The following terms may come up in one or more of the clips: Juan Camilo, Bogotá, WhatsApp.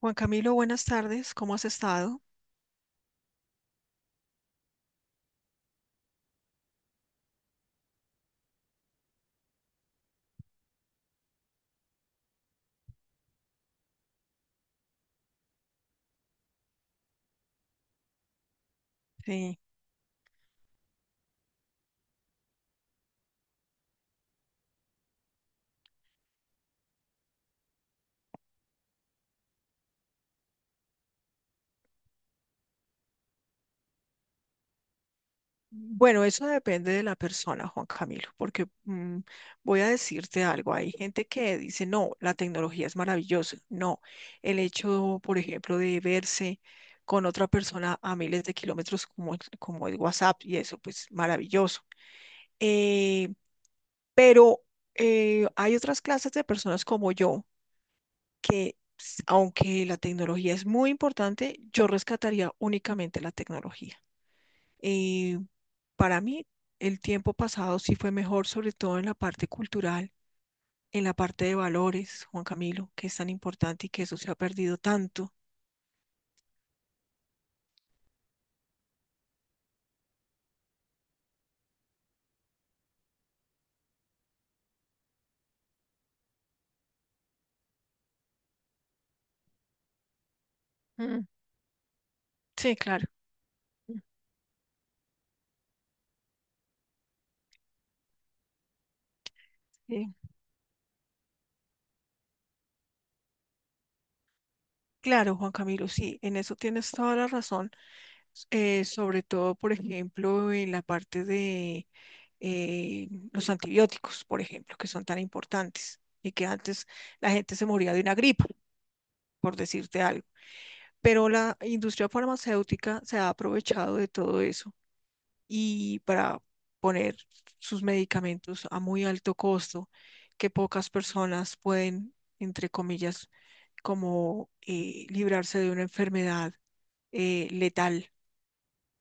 Juan Camilo, buenas tardes, ¿cómo has estado? Sí. Bueno, eso depende de la persona, Juan Camilo, porque voy a decirte algo. Hay gente que dice, no, la tecnología es maravillosa. No, el hecho, por ejemplo, de verse con otra persona a miles de kilómetros como, como el WhatsApp y eso, pues maravilloso. Eh, pero hay otras clases de personas como yo que, aunque la tecnología es muy importante, yo rescataría únicamente la tecnología. Eh, para mí, el tiempo pasado sí fue mejor, sobre todo en la parte cultural, en la parte de valores, Juan Camilo, que es tan importante y que eso se ha perdido tanto. Mm. Sí, claro. Mm. Sí, claro, Juan Camilo, sí, en eso tienes toda la razón, sobre todo, por ejemplo, en la parte de los antibióticos, por ejemplo, que son tan importantes y que antes la gente se moría de una gripa, por decirte algo. Pero la industria farmacéutica se ha aprovechado de todo eso y para poner sus medicamentos a muy alto costo que pocas personas pueden, entre comillas, como librarse de una enfermedad letal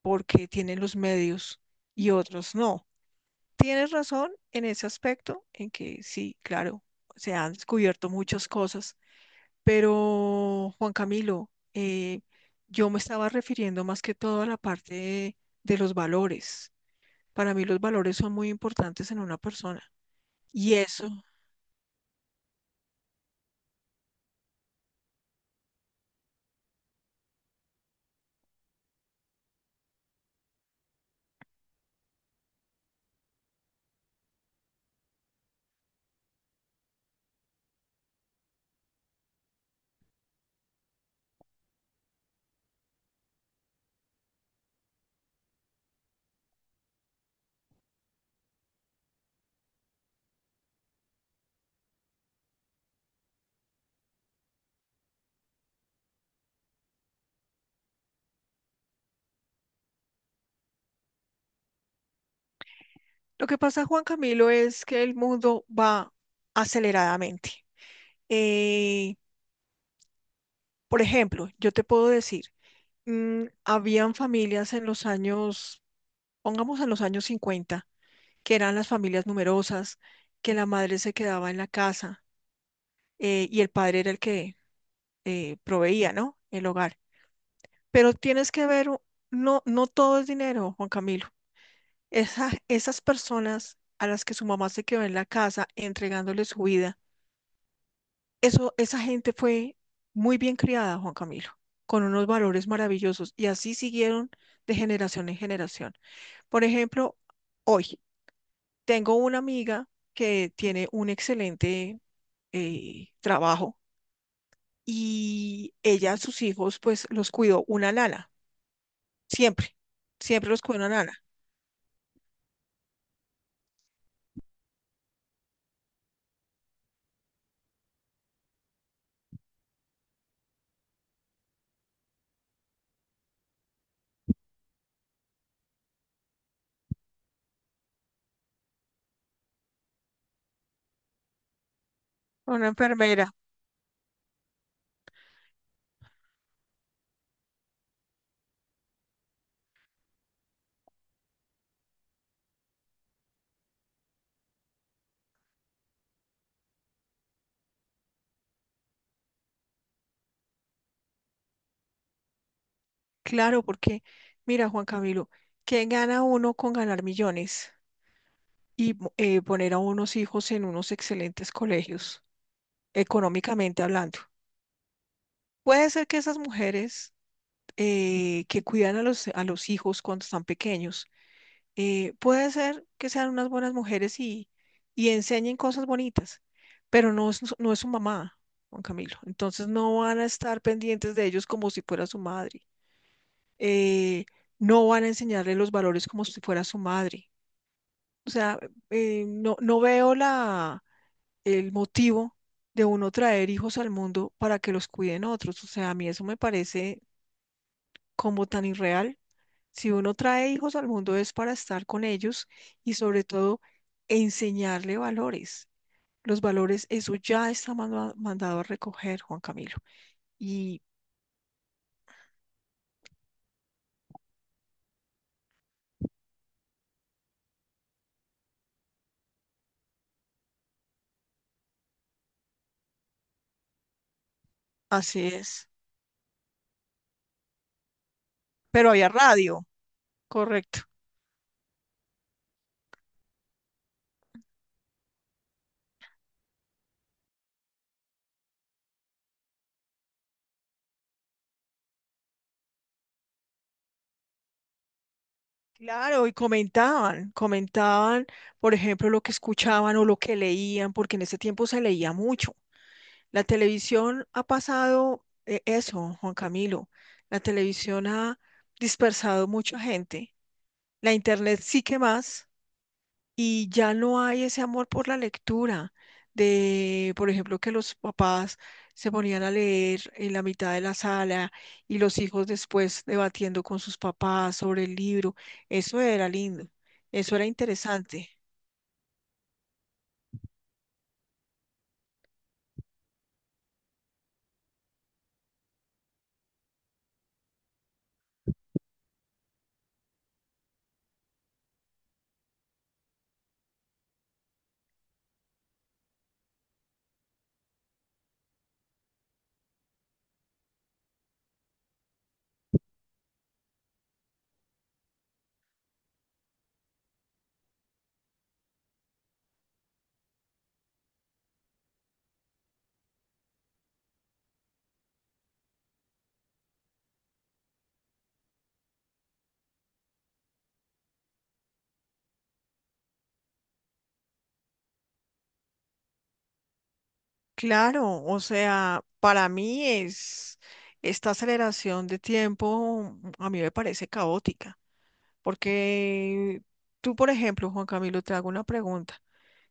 porque tienen los medios y otros no. Tienes razón en ese aspecto, en que sí, claro, se han descubierto muchas cosas pero, Juan Camilo, yo me estaba refiriendo más que todo a la parte de los valores. Para mí los valores son muy importantes en una persona. Y eso, lo que pasa, Juan Camilo, es que el mundo va aceleradamente. Eh, por ejemplo, yo te puedo decir, habían familias en los años, pongamos en los años 50, que eran las familias numerosas, que la madre se quedaba en la casa y el padre era el que proveía, ¿no? El hogar. Pero tienes que ver, no, no todo es dinero, Juan Camilo. Esas personas a las que su mamá se quedó en la casa entregándole su vida, eso, esa gente fue muy bien criada, Juan Camilo, con unos valores maravillosos y así siguieron de generación en generación. Por ejemplo, hoy tengo una amiga que tiene un excelente trabajo y ella a sus hijos pues los cuidó una nana. Siempre, siempre los cubre una lana. Una enfermera. Claro, porque mira, Juan Camilo, ¿qué gana uno con ganar millones y poner a unos hijos en unos excelentes colegios, económicamente hablando? Puede ser que esas mujeres que cuidan a los hijos cuando están pequeños, puede ser que sean unas buenas mujeres y enseñen cosas bonitas, pero no es, no es su mamá, Juan Camilo. Entonces no van a estar pendientes de ellos como si fuera su madre. Eh, no van a enseñarle los valores como si fuera su madre. O sea, no, no veo la, el motivo de uno traer hijos al mundo para que los cuiden otros. O sea, a mí eso me parece como tan irreal. Si uno trae hijos al mundo es para estar con ellos y sobre todo enseñarle valores. Los valores, eso ya está mandado a recoger, Juan Camilo. Y así es. Pero había radio, correcto. Claro, y comentaban, comentaban, por ejemplo, lo que escuchaban o lo que leían, porque en ese tiempo se leía mucho. La televisión ha pasado eso, Juan Camilo. La televisión ha dispersado mucha gente. La internet sí que más. Y ya no hay ese amor por la lectura. De, por ejemplo, que los papás se ponían a leer en la mitad de la sala y los hijos después debatiendo con sus papás sobre el libro. Eso era lindo. Eso era interesante. Claro, o sea, para mí es esta aceleración de tiempo, a mí me parece caótica. Porque tú, por ejemplo, Juan Camilo, te hago una pregunta.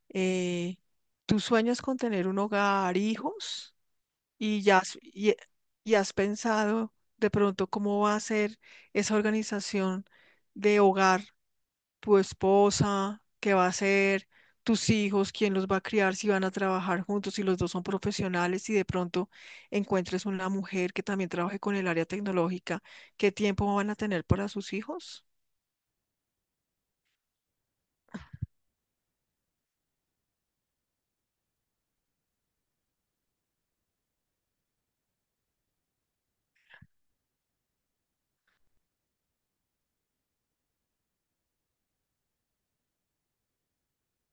eh, ¿Tú sueñas con tener un hogar, hijos? ¿Y ya has, y has pensado de pronto cómo va a ser esa organización de hogar, tu esposa, qué va a ser, tus hijos, quién los va a criar, si van a trabajar juntos, si los dos son profesionales y de pronto encuentres una mujer que también trabaje con el área tecnológica? ¿Qué tiempo van a tener para sus hijos?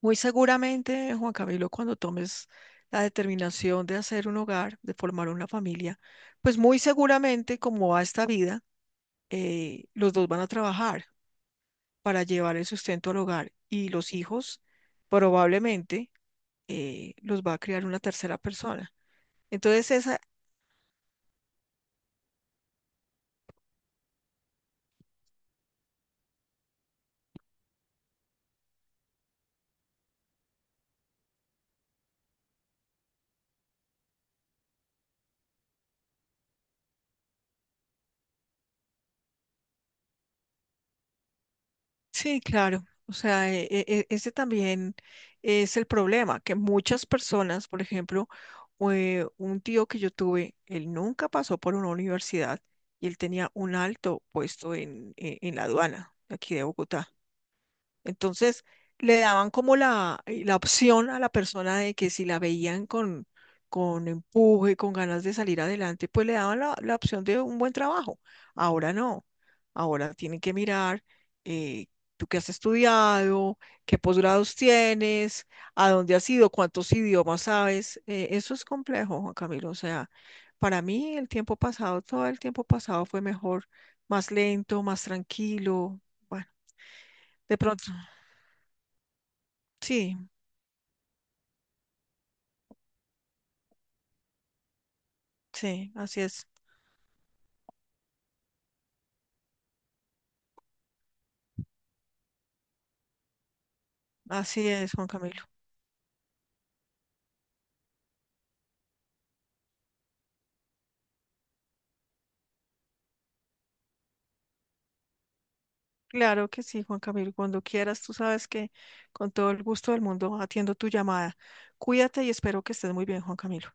Muy seguramente, Juan Camilo, cuando tomes la determinación de hacer un hogar, de formar una familia, pues muy seguramente, como va esta vida, los dos van a trabajar para llevar el sustento al hogar y los hijos probablemente los va a criar una tercera persona. Entonces, esa, sí, claro. O sea, ese también es el problema, que muchas personas, por ejemplo, un tío que yo tuve, él nunca pasó por una universidad y él tenía un alto puesto en la aduana de aquí de Bogotá. Entonces, le daban como la, la opción a la persona de que si la veían con empuje, con ganas de salir adelante, pues le daban la, la opción de un buen trabajo. Ahora no. Ahora tienen que mirar eh, tú qué has estudiado, qué posgrados tienes, a dónde has ido, cuántos idiomas sabes. Eso es complejo, Juan Camilo. O sea, para mí el tiempo pasado, todo el tiempo pasado fue mejor, más lento, más tranquilo. Bueno, de pronto, sí. Sí, así es, Juan Camilo. Claro que sí, Juan Camilo. Cuando quieras, tú sabes que con todo el gusto del mundo atiendo tu llamada. Cuídate y espero que estés muy bien, Juan Camilo.